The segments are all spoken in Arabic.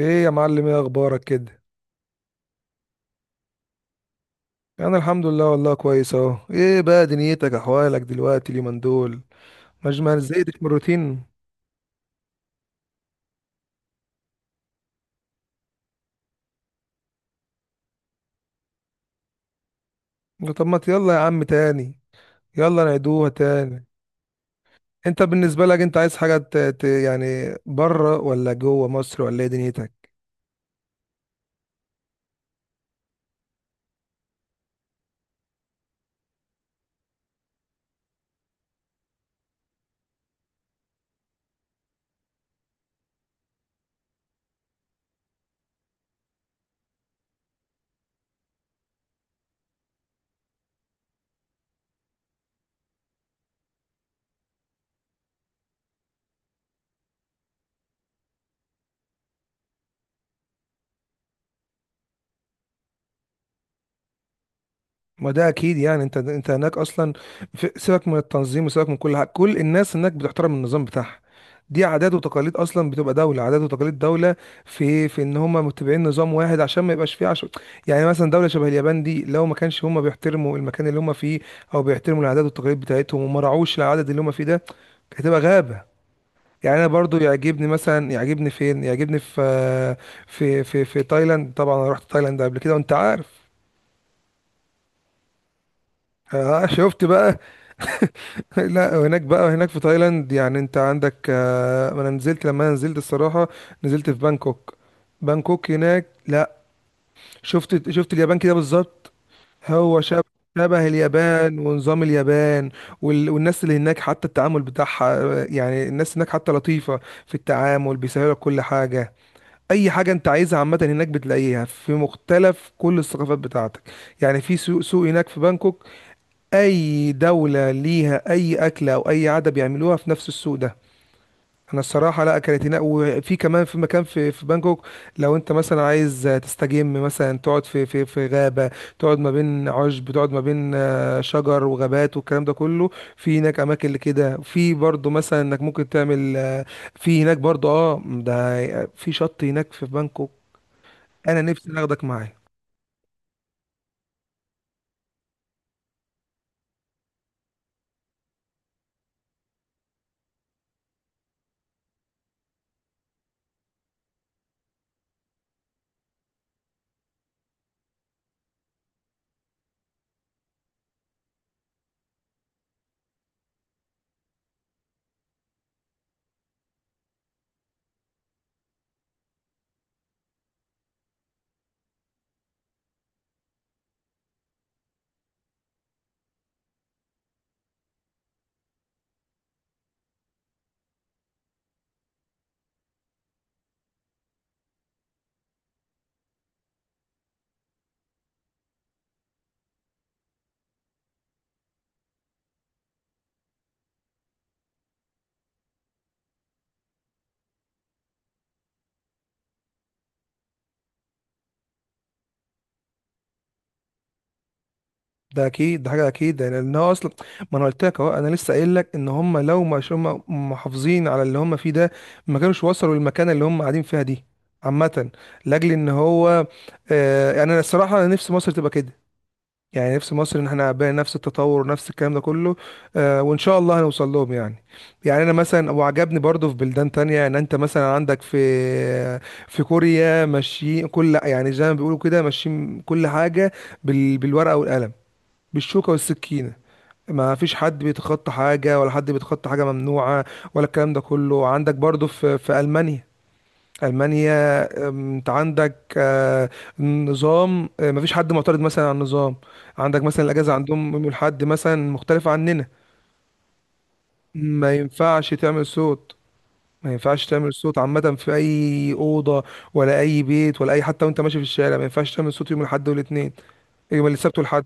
ايه يا معلم، ايه اخبارك كده؟ انا الحمد لله والله كويس اهو. ايه بقى دنيتك، احوالك دلوقتي اليومين دول؟ مش ما زهقتش من الروتين؟ طب ما يلا يا عم تاني، يلا نعيدوها تاني. انت بالنسبه لك انت عايز حاجه يعني بره ولا جوه مصر ولا ايه دنيتك؟ ما ده اكيد. يعني انت هناك اصلا. سيبك من التنظيم وسيبك من كل حاجه، كل الناس هناك بتحترم النظام بتاعها. دي عادات وتقاليد اصلا، بتبقى دوله عادات وتقاليد دوله. في ان هم متبعين نظام واحد عشان ما يبقاش فيه عشو. يعني مثلا دوله شبه اليابان دي، لو ما كانش هم بيحترموا المكان اللي هم فيه او بيحترموا العادات والتقاليد بتاعتهم وما راعوش العدد اللي هم فيه ده، كانت هتبقى غابه. يعني انا برضو يعجبني، مثلا يعجبني فين، يعجبني في تايلاند. طبعا انا رحت تايلاند قبل كده وانت عارف. آه شفت بقى. لا، وهناك بقى، هناك في تايلاند يعني انت عندك انا نزلت، لما انا نزلت الصراحة نزلت في بانكوك. بانكوك هناك، لا، شفت اليابان كده بالظبط. هو شبه اليابان ونظام اليابان والناس اللي هناك، حتى التعامل بتاعها يعني الناس هناك حتى لطيفة في التعامل، بيسهلوا لك كل حاجة. اي حاجة انت عايزها عامة هناك بتلاقيها، في مختلف كل الثقافات بتاعتك. يعني في سوق سوق هناك في بانكوك، اي دولة ليها اي اكلة او اي عادة بيعملوها في نفس السوق ده. انا الصراحة لا اكلتنا، وفي كمان في مكان في بانكوك، لو انت مثلا عايز تستجم، مثلا تقعد في غابة، تقعد ما بين عشب، تقعد ما بين شجر وغابات والكلام ده كله. في هناك اماكن لكده. في برضو مثلا انك ممكن تعمل في هناك برضو ده في شط هناك في بانكوك. انا نفسي اخدك معايا. ده اكيد، ده حاجه اكيد، يعني لان هو اصلا ما انا قلت لك اهو، انا لسه قايل لك ان هم لو مش هم محافظين على اللي هم فيه ده، ما كانوش وصلوا للمكانه اللي هم قاعدين فيها دي. عامه، لاجل ان هو يعني انا الصراحه انا نفسي مصر تبقى كده. يعني نفسي مصر ان احنا بقى نفس التطور ونفس الكلام ده كله. آه، وان شاء الله هنوصل لهم يعني. يعني انا مثلا وعجبني برضو في بلدان تانية، ان انت مثلا عندك في كوريا ماشيين كل، يعني زي ما بيقولوا كده ماشيين كل حاجه، بالورقه والقلم، بالشوكة والسكينة. ما فيش حد بيتخطى حاجة، ولا حد بيتخطى حاجة ممنوعة ولا الكلام ده كله. عندك برضو في ألمانيا. ألمانيا، انت عندك نظام. مفيش حد معترض مثلا على النظام. عندك مثلا الأجازة عندهم يوم الأحد، مثلا مختلفة عننا. ما ينفعش تعمل صوت ما ينفعش تعمل صوت عامة في أي أوضة ولا أي بيت ولا أي، حتى وأنت ماشي في الشارع ما ينفعش تعمل صوت يوم الأحد والاثنين، يوم السبت والأحد.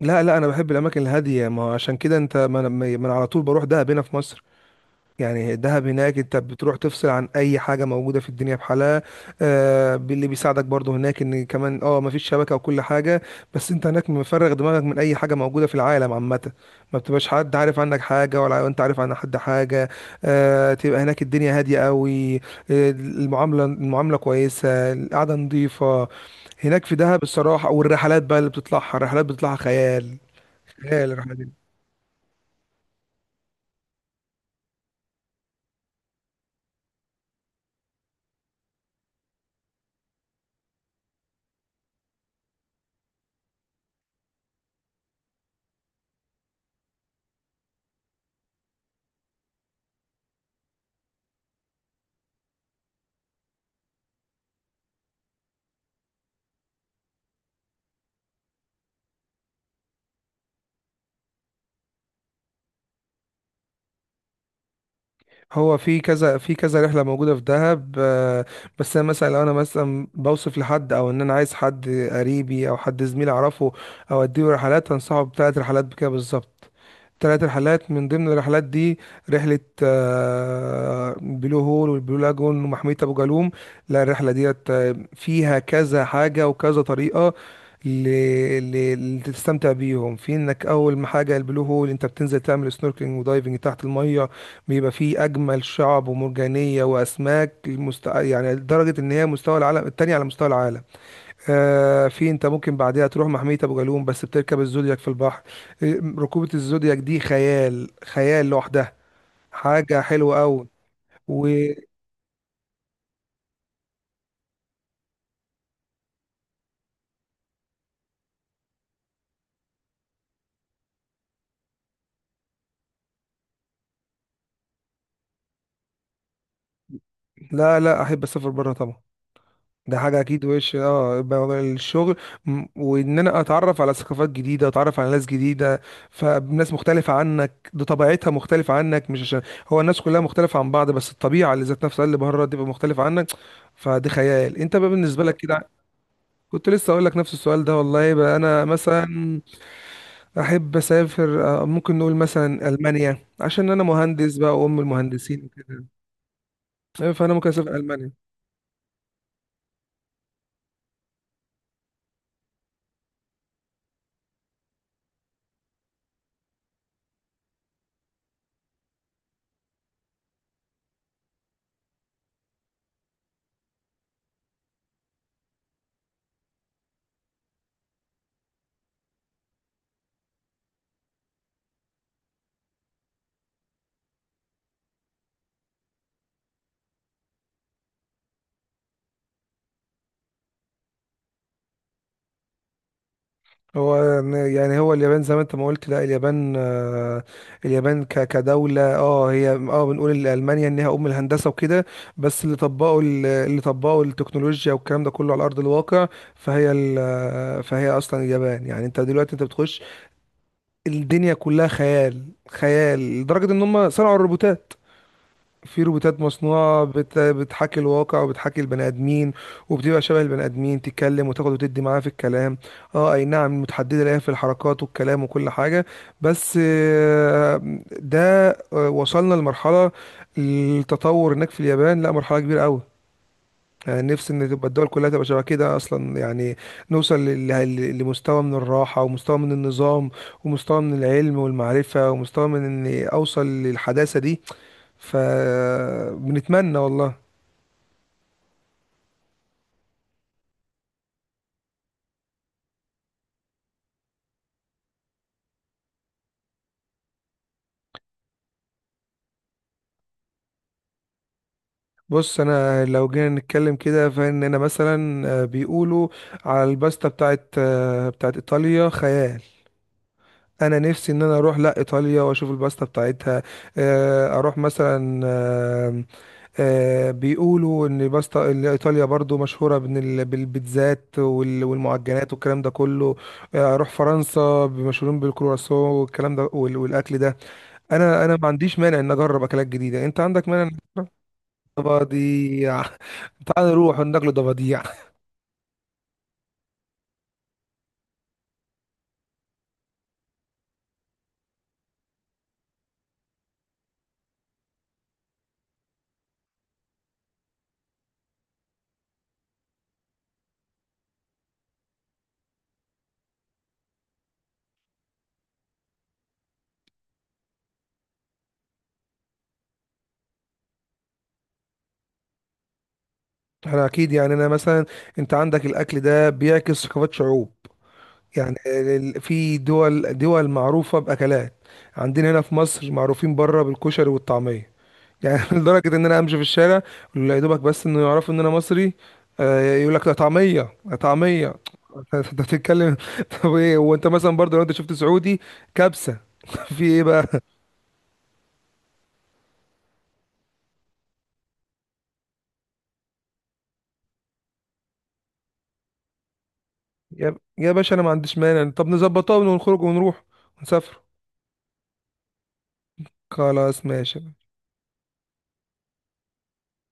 لا لا، انا بحب الاماكن الهاديه. ما هو عشان كده انت ما انا ما أنا على طول بروح دهب هنا في مصر. يعني دهب هناك انت بتروح تفصل عن اي حاجه موجوده في الدنيا بحالها. آه، اللي بيساعدك برضو هناك ان كمان ما فيش شبكه وكل حاجه، بس انت هناك مفرغ دماغك من اي حاجه موجوده في العالم عامه. ما بتبقاش حد عارف عنك حاجه ولا انت عارف عن حد حاجه. تبقى هناك الدنيا هاديه قوي. المعامله كويسه، القعده نظيفه هناك في دهب الصراحه. والرحلات بقى اللي بتطلعها، الرحلات بتطلعها خيال. ايه الرحله دي؟ هو في كذا، في كذا رحله موجوده في دهب، بس انا مثلا، لو انا مثلا بوصف لحد، او ان انا عايز حد قريبي او حد زميل اعرفه او اديه رحلات، هنصحه بثلاث رحلات بكده بالظبط. ثلاث رحلات من ضمن الرحلات دي، رحله بلو هول، والبلو لاجون، ومحميه ابو جالوم. لا الرحله ديت فيها كذا حاجه وكذا طريقه ل... لتستمتع بيهم، في انك اول ما حاجه البلو هول انت بتنزل تعمل سنوركلينج ودايفنج تحت الميه. بيبقى فيه اجمل شعب ومرجانيه واسماك يعني لدرجه ان هي مستوى العالم، التاني على مستوى العالم. في، انت ممكن بعدها تروح محميه ابو جالوم بس، بتركب الزودياك في البحر. ركوبه الزودياك دي خيال، خيال لوحدها. حاجه حلوه قوي. ولا، لا احب اسافر بره طبعا. ده حاجة أكيد. وش يبقى الشغل وإن أنا أتعرف على ثقافات جديدة، أتعرف على ناس جديدة. فناس مختلفة عنك دي، طبيعتها مختلفة عنك، مش عشان هو الناس كلها مختلفة عن بعض، بس الطبيعة اللي ذات نفسها اللي بره تبقى مختلفة عنك. فدي خيال. أنت بقى بالنسبة لك كده؟ كنت لسه أقول لك نفس السؤال ده والله. بقى أنا مثلا أحب أسافر ممكن نقول مثلا ألمانيا، عشان أنا مهندس بقى وأم المهندسين وكده. فأنا ممكن أسافر ألمانيا. هو يعني هو اليابان زي ما انت ما قلت. لا اليابان اليابان كدولة، هي بنقول ان ألمانيا انها ام الهندسة وكده، بس اللي طبقوا التكنولوجيا والكلام ده كله على ارض الواقع. فهي ال- آه، فهي اصلا اليابان، يعني انت دلوقتي انت بتخش، الدنيا كلها خيال، خيال لدرجة ان هم صنعوا الروبوتات. في روبوتات مصنوعة بتحاكي الواقع وبتحاكي البني آدمين، وبتبقى شبه البني آدمين، تتكلم وتاخد وتدي معاه في الكلام. اه اي نعم، متحددة ليها في الحركات والكلام وكل حاجة. بس ده وصلنا لمرحلة التطور هناك في اليابان، لا مرحلة كبيرة قوي. يعني نفسي ان تبقى الدول كلها تبقى شبه كده اصلا يعني، نوصل لمستوى من الراحه، ومستوى من النظام، ومستوى من العلم والمعرفه، ومستوى من اني اوصل للحداثه دي. فبنتمنى والله. بص، انا لو جينا نتكلم كده فان انا مثلا، بيقولوا على الباستا بتاعت ايطاليا خيال. انا نفسي ان انا اروح لا ايطاليا واشوف الباستا بتاعتها. اروح مثلا، بيقولوا ان باستا، إن ايطاليا برضو مشهوره بإن بالبيتزات والمعجنات والكلام ده كله. اروح فرنسا، مشهورين بالكرواسون والكلام ده والاكل ده. انا ما عنديش مانع ان اجرب اكلات جديده. انت عندك مانع إنك تجرب؟ ضفاديع. تعال نروح ناكل ضفاديع. احنا اكيد، يعني انا مثلا، انت عندك الاكل ده بيعكس ثقافات شعوب. يعني في دول معروفه باكلات. عندنا هنا في مصر معروفين بره بالكشري والطعميه، يعني لدرجة ان انا امشي في الشارع يا دوبك، بس انه يعرفوا ان انا مصري. يقول لك طعمية، طعمية. انت بتتكلم. طب ايه وانت مثلا برضه لو انت شفت سعودي؟ كبسة. في ايه بقى؟ يا باشا، انا ما عنديش مانع. طب نظبطها ونخرج ونروح ونسافر. خلاص ماشي.